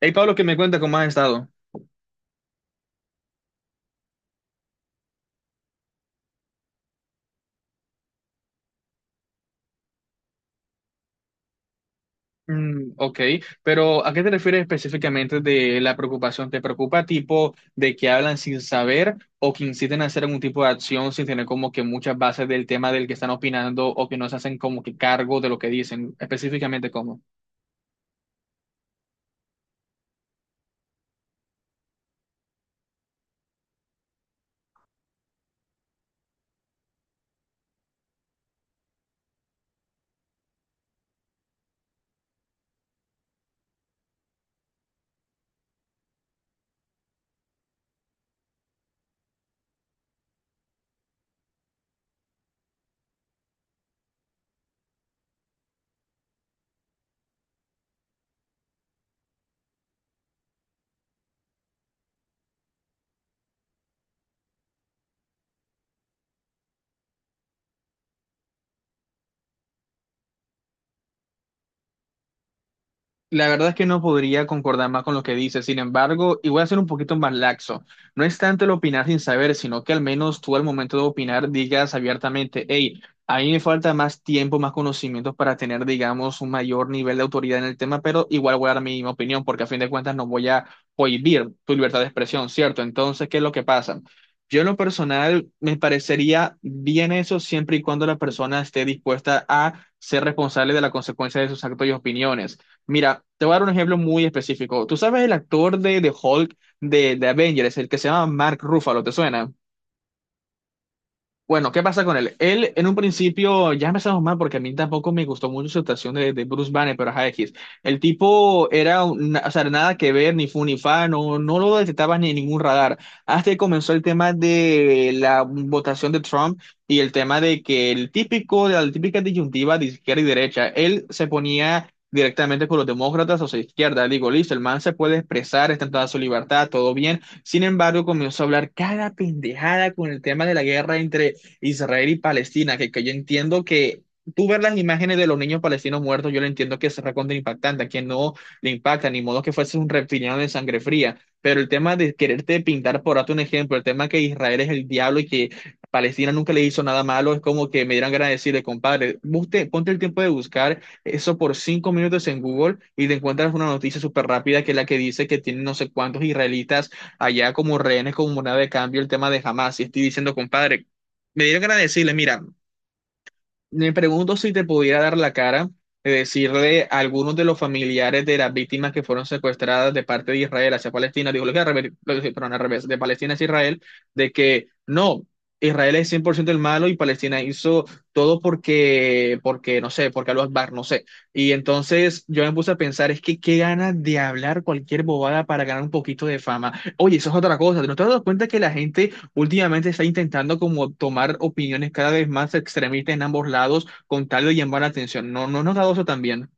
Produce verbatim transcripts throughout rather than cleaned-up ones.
Hey Pablo, ¿que me cuenta cómo has estado? Mm, ok, pero ¿a qué te refieres específicamente de la preocupación? ¿Te preocupa tipo de que hablan sin saber o que inciten a hacer algún tipo de acción sin tener como que muchas bases del tema del que están opinando o que no se hacen como que cargo de lo que dicen? Específicamente, ¿cómo? La verdad es que no podría concordar más con lo que dices. Sin embargo, y voy a ser un poquito más laxo. No es tanto el opinar sin saber, sino que al menos tú al momento de opinar digas abiertamente, hey, a mí me falta más tiempo, más conocimientos para tener, digamos, un mayor nivel de autoridad en el tema, pero igual voy a dar mi opinión, porque a fin de cuentas no voy a prohibir tu libertad de expresión, ¿cierto? Entonces, ¿qué es lo que pasa? Yo en lo personal me parecería bien eso siempre y cuando la persona esté dispuesta a ser responsable de la consecuencia de sus actos y opiniones. Mira, te voy a dar un ejemplo muy específico. ¿Tú sabes el actor de, de Hulk de, de Avengers, el que se llama Mark Ruffalo? ¿Te suena? Bueno, ¿qué pasa con él? Él, en un principio, ya empezamos mal porque a mí tampoco me gustó mucho su actuación de, de Bruce Banner, pero ajá, X. El tipo era, un- o sea, nada que ver, ni fu ni fa, no, no lo detectaba ni en ningún radar. Hasta que comenzó el tema de la votación de Trump y el tema de que el típico, de la típica disyuntiva de izquierda y derecha, él se ponía directamente con los demócratas, o sea, izquierda. Digo, listo, el man se puede expresar, está en toda su libertad, todo bien. Sin embargo, comenzó a hablar cada pendejada con el tema de la guerra entre Israel y Palestina, que, que yo entiendo que tú ver las imágenes de los niños palestinos muertos, yo lo entiendo que es recontra impactante, a quien no le impacta, ni modo que fuese un reptiliano de sangre fría, pero el tema de quererte pintar, por darte un ejemplo, el tema que Israel es el diablo y que Palestina nunca le hizo nada malo, es como que me dieran ganas de decirle, compadre, usted, ponte el tiempo de buscar eso por cinco minutos en Google y te encuentras una noticia súper rápida, que es la que dice que tienen no sé cuántos israelitas allá como rehenes, como moneda de cambio, el tema de Hamas. Y estoy diciendo, compadre, me dieron ganas de decirle, mira, me pregunto si te pudiera dar la cara de decirle a algunos de los familiares de las víctimas que fueron secuestradas de parte de Israel hacia Palestina, digo, lo que al revés, lo que- perdón, al revés, de Palestina hacia Israel, de que no, Israel es cien por ciento el malo y Palestina hizo todo porque, porque no sé, porque Al-Akbar, no sé. Y entonces yo me puse a pensar, es que qué ganas de hablar cualquier bobada para ganar un poquito de fama. Oye, eso es otra cosa, ¿no te has dado cuenta que la gente últimamente está intentando como tomar opiniones cada vez más extremistas en ambos lados con tal de llamar la atención? ¿No, no has notado eso también?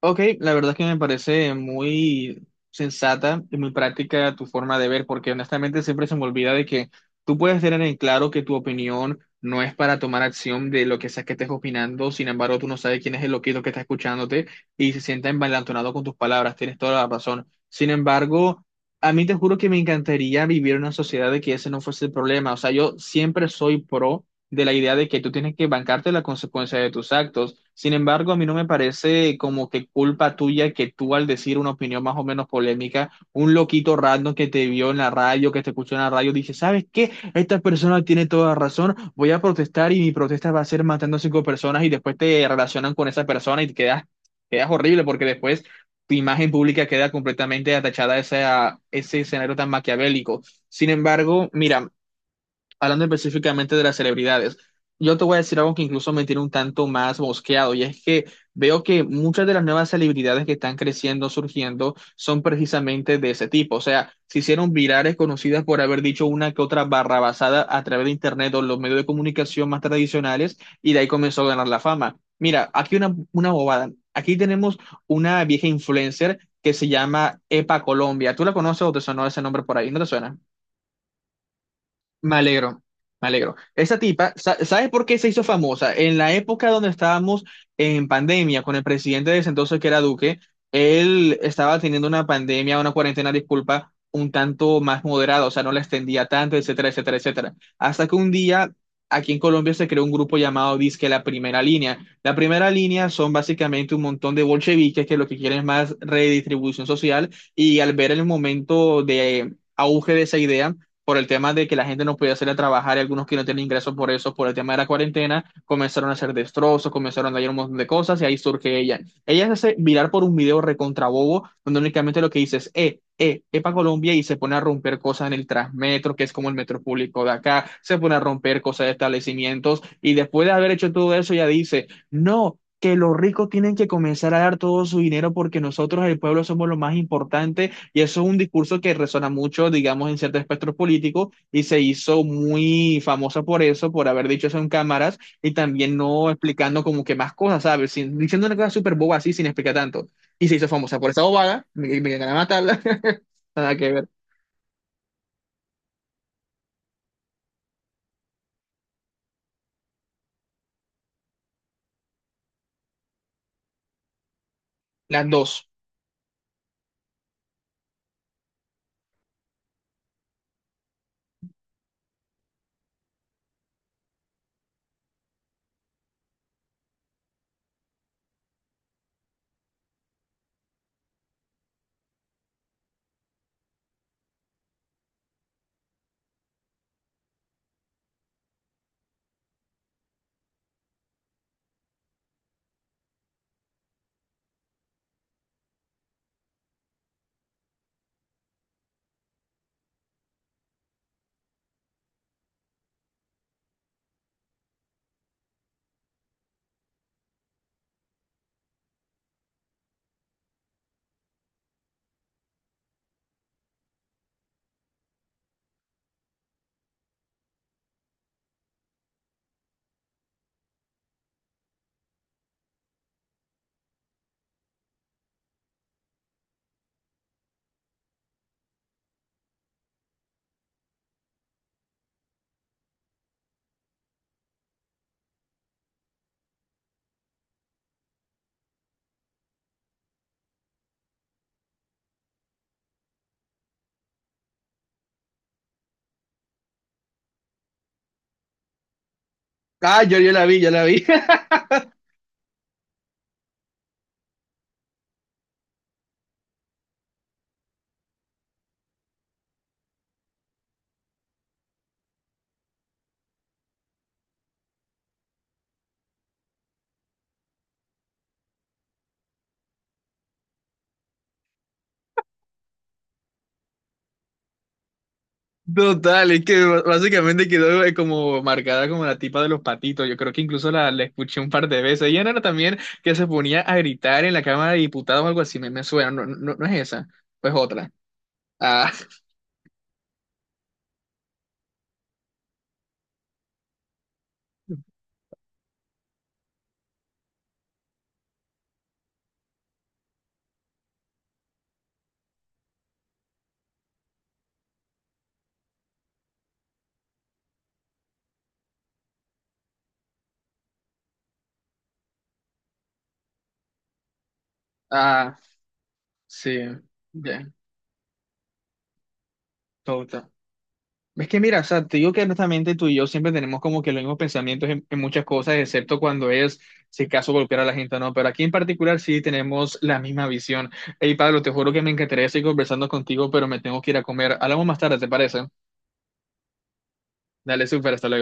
Ok, la verdad es que me parece muy sensata y muy práctica tu forma de ver, porque honestamente siempre se me olvida de que tú puedes tener en claro que tu opinión no es para tomar acción de lo que sea que estés opinando, sin embargo, tú no sabes quién es el loquito que está escuchándote y se sienta envalentonado con tus palabras, tienes toda la razón. Sin embargo, a mí te juro que me encantaría vivir en una sociedad de que ese no fuese el problema, o sea, yo siempre soy pro de la idea de que tú tienes que bancarte la consecuencia de tus actos. Sin embargo, a mí no me parece como que culpa tuya que tú al decir una opinión más o menos polémica, un loquito random que te vio en la radio, que te escuchó en la radio, dice, ¿sabes qué? Esta persona tiene toda razón, voy a protestar y mi protesta va a ser matando a cinco personas y después te relacionan con esa persona y te quedas, quedas horrible, porque después tu imagen pública queda completamente atachada a esa- ese escenario tan maquiavélico. Sin embargo, mira, hablando específicamente de las celebridades, yo te voy a decir algo que incluso me tiene un tanto más mosqueado, y es que veo que muchas de las nuevas celebridades que están creciendo, surgiendo, son precisamente de ese tipo. O sea, se hicieron virales, conocidas por haber dicho una que otra barrabasada a través de Internet o los medios de comunicación más tradicionales, y de ahí comenzó a ganar la fama. Mira, aquí una, una bobada. Aquí tenemos una vieja influencer que se llama Epa Colombia. ¿Tú la conoces o te sonó ese nombre por ahí? ¿No te suena? Me alegro, me alegro. Esa tipa, sa- ¿sabes por qué se hizo famosa? En la época donde estábamos en pandemia con el presidente de ese entonces, que era Duque, él estaba teniendo una pandemia, una cuarentena, disculpa, un tanto más moderada, o sea, no la extendía tanto, etcétera, etcétera, etcétera. Hasta que un día aquí en Colombia se creó un grupo llamado Disque La Primera Línea. La Primera Línea son básicamente un montón de bolcheviques que lo que quieren es más redistribución social y, al ver el momento de auge de esa idea, por el tema de que la gente no podía salir a trabajar y algunos que no tienen ingresos por eso, por el tema de la cuarentena, comenzaron a hacer destrozos, comenzaron a dañar un montón de cosas y ahí surge ella. Ella se hace viral por un video recontrabobo donde únicamente lo que dice es, eh, eh, Epa Colombia, y se pone a romper cosas en el Transmetro, que es como el metro público de acá, se pone a romper cosas de establecimientos y después de haber hecho todo eso ella dice, no, que los ricos tienen que comenzar a dar todo su dinero porque nosotros, el pueblo, somos lo más importante, y eso es un discurso que resuena mucho, digamos, en cierto espectro político, y se hizo muy famosa por eso, por haber dicho eso en cámaras y también no explicando como que más cosas, ¿sabes? Sin- diciendo una cosa súper boba así sin explicar tanto. Y se hizo famosa por esa bobada, me, me ganan a matarla, nada que ver. Las dos. Ah, yo, yo la vi, yo la vi. Total, es que b- básicamente quedó eh, como marcada como la tipa de los patitos. Yo creo que incluso la, la escuché un par de veces. Ella no era también que se ponía a gritar en la Cámara de Diputados o algo así. Me, me suena, no, no, no no es esa, pues otra. Ah, ah, sí, ya, total. Es que mira, o sea, te digo que honestamente tú y yo siempre tenemos como que los mismos pensamientos en, en muchas cosas, excepto cuando es, si acaso, golpear a la gente o no, pero aquí en particular sí tenemos la misma visión. Hey, Pablo, te juro que me encantaría seguir conversando contigo, pero me tengo que ir a comer. Hablamos más tarde, ¿te parece? Dale, súper, hasta luego.